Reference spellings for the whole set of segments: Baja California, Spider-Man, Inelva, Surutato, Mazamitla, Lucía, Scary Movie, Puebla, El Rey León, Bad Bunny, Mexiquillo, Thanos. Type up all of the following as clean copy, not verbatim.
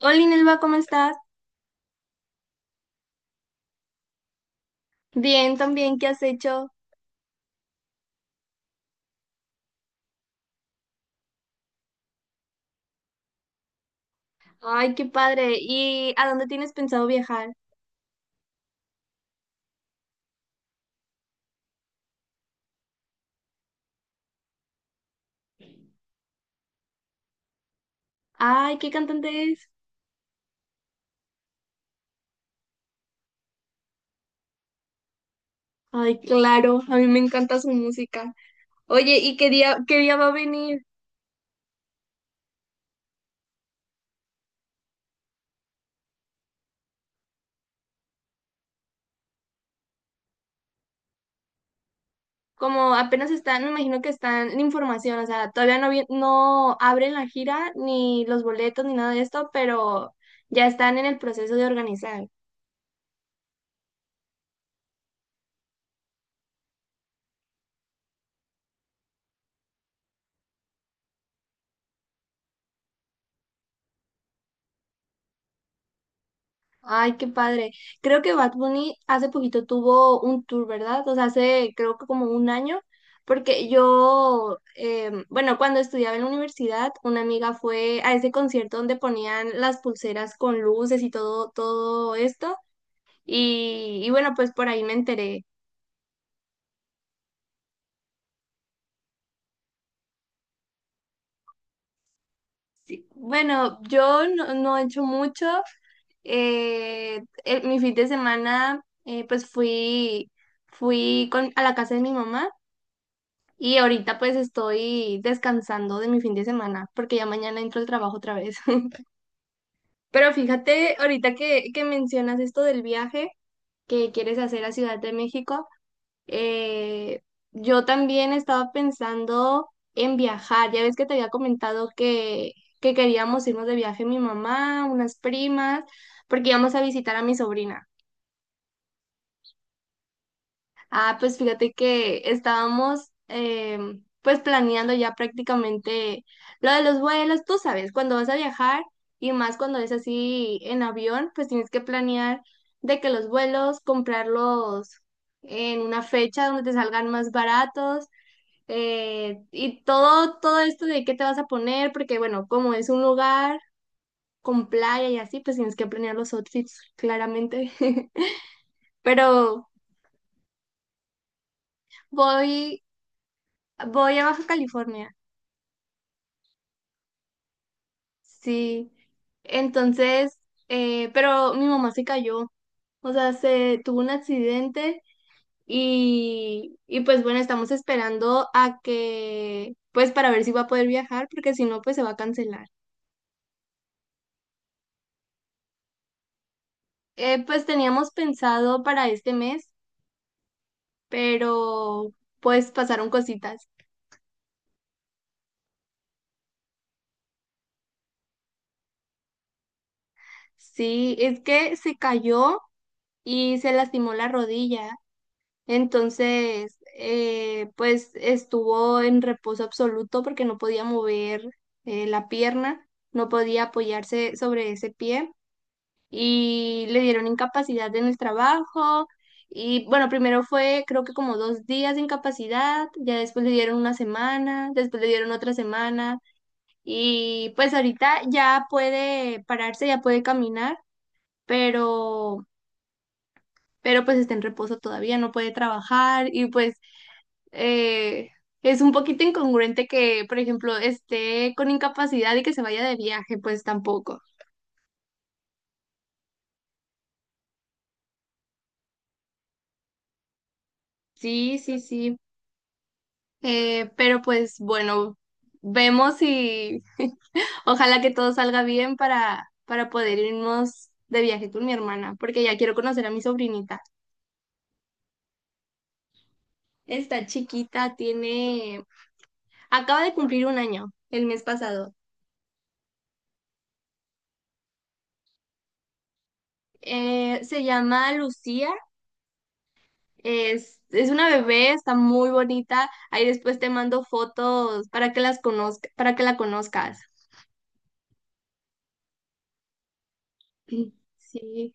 Hola Inelva, ¿cómo estás? Bien, también, ¿qué has hecho? Ay, qué padre. ¿Y a dónde tienes pensado viajar? Ay, ¿qué cantante es? Ay, claro, a mí me encanta su música. Oye, ¿y qué día va a venir? Como apenas están, me imagino que están en información, o sea, todavía no, no abren la gira, ni los boletos, ni nada de esto, pero ya están en el proceso de organizar. Ay, qué padre. Creo que Bad Bunny hace poquito tuvo un tour, ¿verdad? O sea, hace creo que como un año, porque yo, bueno, cuando estudiaba en la universidad, una amiga fue a ese concierto donde ponían las pulseras con luces y todo esto. Y bueno, pues por ahí me enteré. Bueno, yo no he hecho mucho. Mi fin de semana, pues fui con, a la casa de mi mamá. Y ahorita pues estoy descansando de mi fin de semana porque ya mañana entro al trabajo otra vez. Pero fíjate, ahorita que mencionas esto del viaje que quieres hacer a Ciudad de México, eh, yo también estaba pensando en viajar. Ya ves que te había comentado que queríamos irnos de viaje mi mamá, unas primas, porque íbamos a visitar a mi sobrina. Ah, pues fíjate que estábamos pues planeando ya prácticamente lo de los vuelos, tú sabes, cuando vas a viajar y más cuando es así en avión, pues tienes que planear de que los vuelos, comprarlos en una fecha donde te salgan más baratos y todo esto de qué te vas a poner, porque bueno, como es un lugar con playa y así, pues tienes que planear los outfits claramente. Pero voy, voy a Baja California. Sí, entonces, pero mi mamá se cayó, o sea, se tuvo un accidente y pues bueno, estamos esperando a que, pues para ver si va a poder viajar, porque si no, pues se va a cancelar. Pues teníamos pensado para este mes, pero pues pasaron cositas. Sí, es que se cayó y se lastimó la rodilla. Entonces, pues estuvo en reposo absoluto porque no podía mover la pierna, no podía apoyarse sobre ese pie y le dieron incapacidad en el trabajo. Y bueno, primero fue creo que como 2 días de incapacidad, ya después le dieron una semana, después le dieron otra semana y pues ahorita ya puede pararse, ya puede caminar, pero pero pues está en reposo todavía, no puede trabajar y pues eh, es un poquito incongruente que, por ejemplo, esté con incapacidad y que se vaya de viaje, pues tampoco. Sí, sí, sí. Pero pues bueno, vemos y ojalá que todo salga bien para poder irnos de viaje con mi hermana, porque ya quiero conocer a mi sobrinita. Está chiquita, tiene, acaba de cumplir un año el mes pasado. Se llama Lucía. Es una bebé, está muy bonita. Ahí después te mando fotos para que las conozca, para que la conozcas. Sí.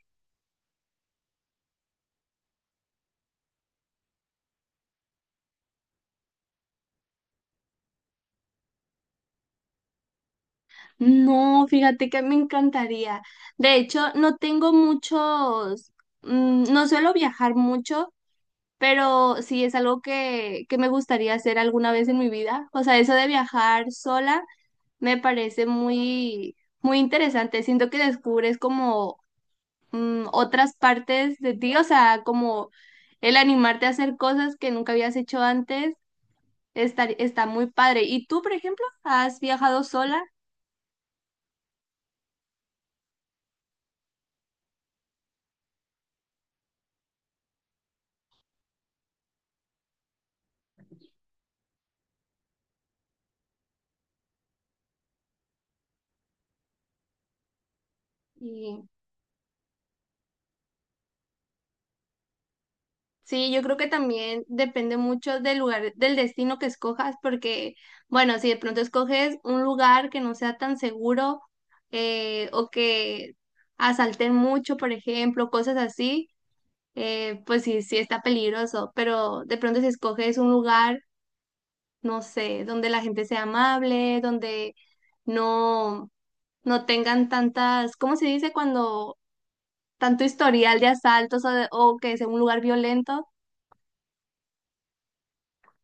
No, fíjate que me encantaría. De hecho, no tengo muchos, no suelo viajar mucho, pero sí es algo que me gustaría hacer alguna vez en mi vida. O sea, eso de viajar sola me parece muy, muy interesante. Siento que descubres como otras partes de ti, o sea, como el animarte a hacer cosas que nunca habías hecho antes, está muy padre. ¿Y tú, por ejemplo, has viajado sola? Y sí, yo creo que también depende mucho del lugar, del destino que escojas, porque, bueno, si de pronto escoges un lugar que no sea tan seguro o que asalten mucho, por ejemplo, cosas así, pues sí, sí está peligroso, pero de pronto si escoges un lugar, no sé, donde la gente sea amable, donde no, no tengan tantas, ¿cómo se dice cuando tanto historial de asaltos o, o que sea un lugar violento?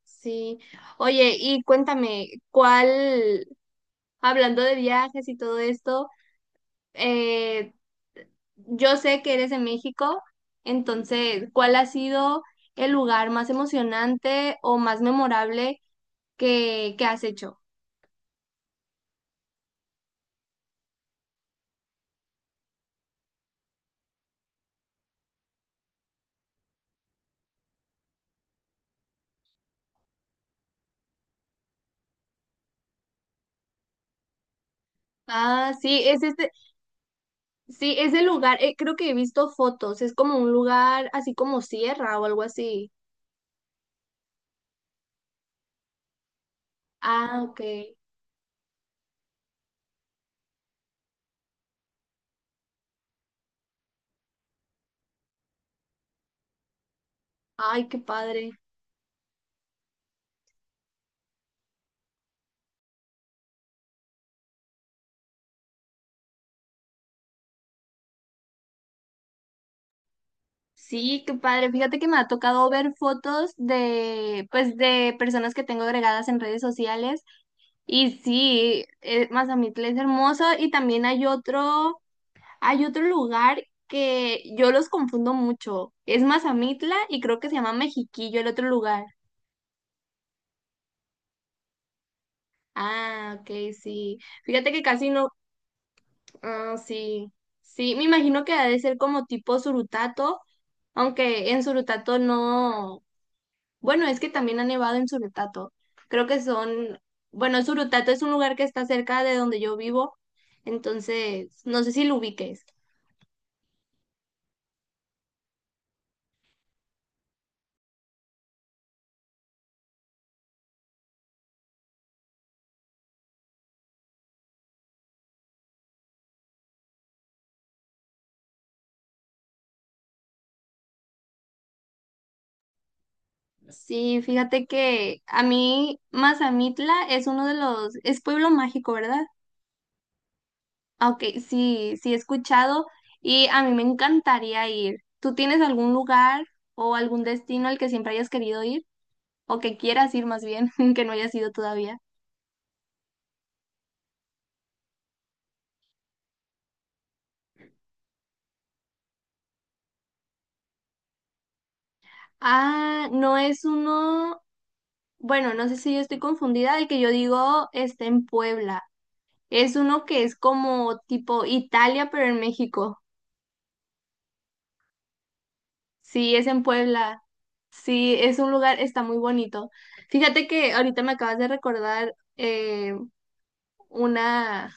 Sí. Oye, y cuéntame, ¿cuál, hablando de viajes y todo esto, eh, yo sé que eres de México, entonces, ¿cuál ha sido el lugar más emocionante o más memorable que has hecho? Ah, sí, ese. Sí, es el lugar, creo que he visto fotos, es como un lugar así como sierra o algo así. Ah, ok. Ay, qué padre. Sí, qué padre. Fíjate que me ha tocado ver fotos de, pues, de personas que tengo agregadas en redes sociales. Y sí, Mazamitla es hermoso. Y también hay otro lugar que yo los confundo mucho. Es Mazamitla y creo que se llama Mexiquillo, el otro lugar. Ah, ok, sí. Fíjate que casi no. Ah, sí, sí, me imagino que ha de ser como tipo Surutato, aunque en Surutato no, bueno, es que también ha nevado en Surutato, creo que son, bueno, Surutato es un lugar que está cerca de donde yo vivo, entonces, no sé si lo ubiques. Sí, fíjate que a mí, Mazamitla es uno de los, es pueblo mágico, ¿verdad? Ah, ok, sí, sí he escuchado y a mí me encantaría ir. ¿Tú tienes algún lugar o algún destino al que siempre hayas querido ir? ¿O que quieras ir más bien, que no hayas ido todavía? Ah, no es uno, bueno, no sé si yo estoy confundida, el que yo digo está en Puebla. Es uno que es como tipo Italia, pero en México. Sí, es en Puebla. Sí, es un lugar, está muy bonito. Fíjate que ahorita me acabas de recordar una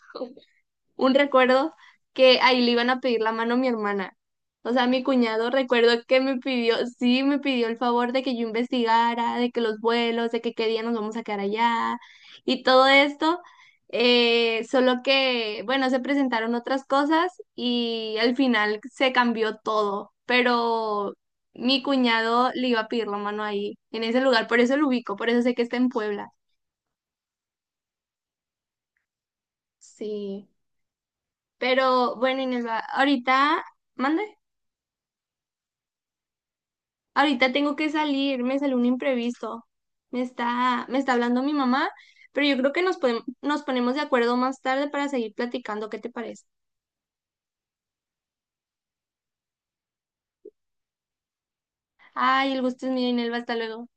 un recuerdo que ahí le iban a pedir la mano a mi hermana. O sea, mi cuñado recuerdo que me pidió, sí, me pidió el favor de que yo investigara, de que los vuelos, de que qué día nos vamos a quedar allá y todo esto. Solo que, bueno, se presentaron otras cosas y al final se cambió todo, pero mi cuñado le iba a pedir la mano ahí, en ese lugar, por eso lo ubico, por eso sé que está en Puebla. Sí, pero bueno, Inelva, ahorita, mande. Ahorita tengo que salir, me salió un imprevisto. Me está hablando mi mamá, pero yo creo que nos ponemos de acuerdo más tarde para seguir platicando. ¿Qué te parece? Ay, el gusto es mío, Inelva. Hasta luego.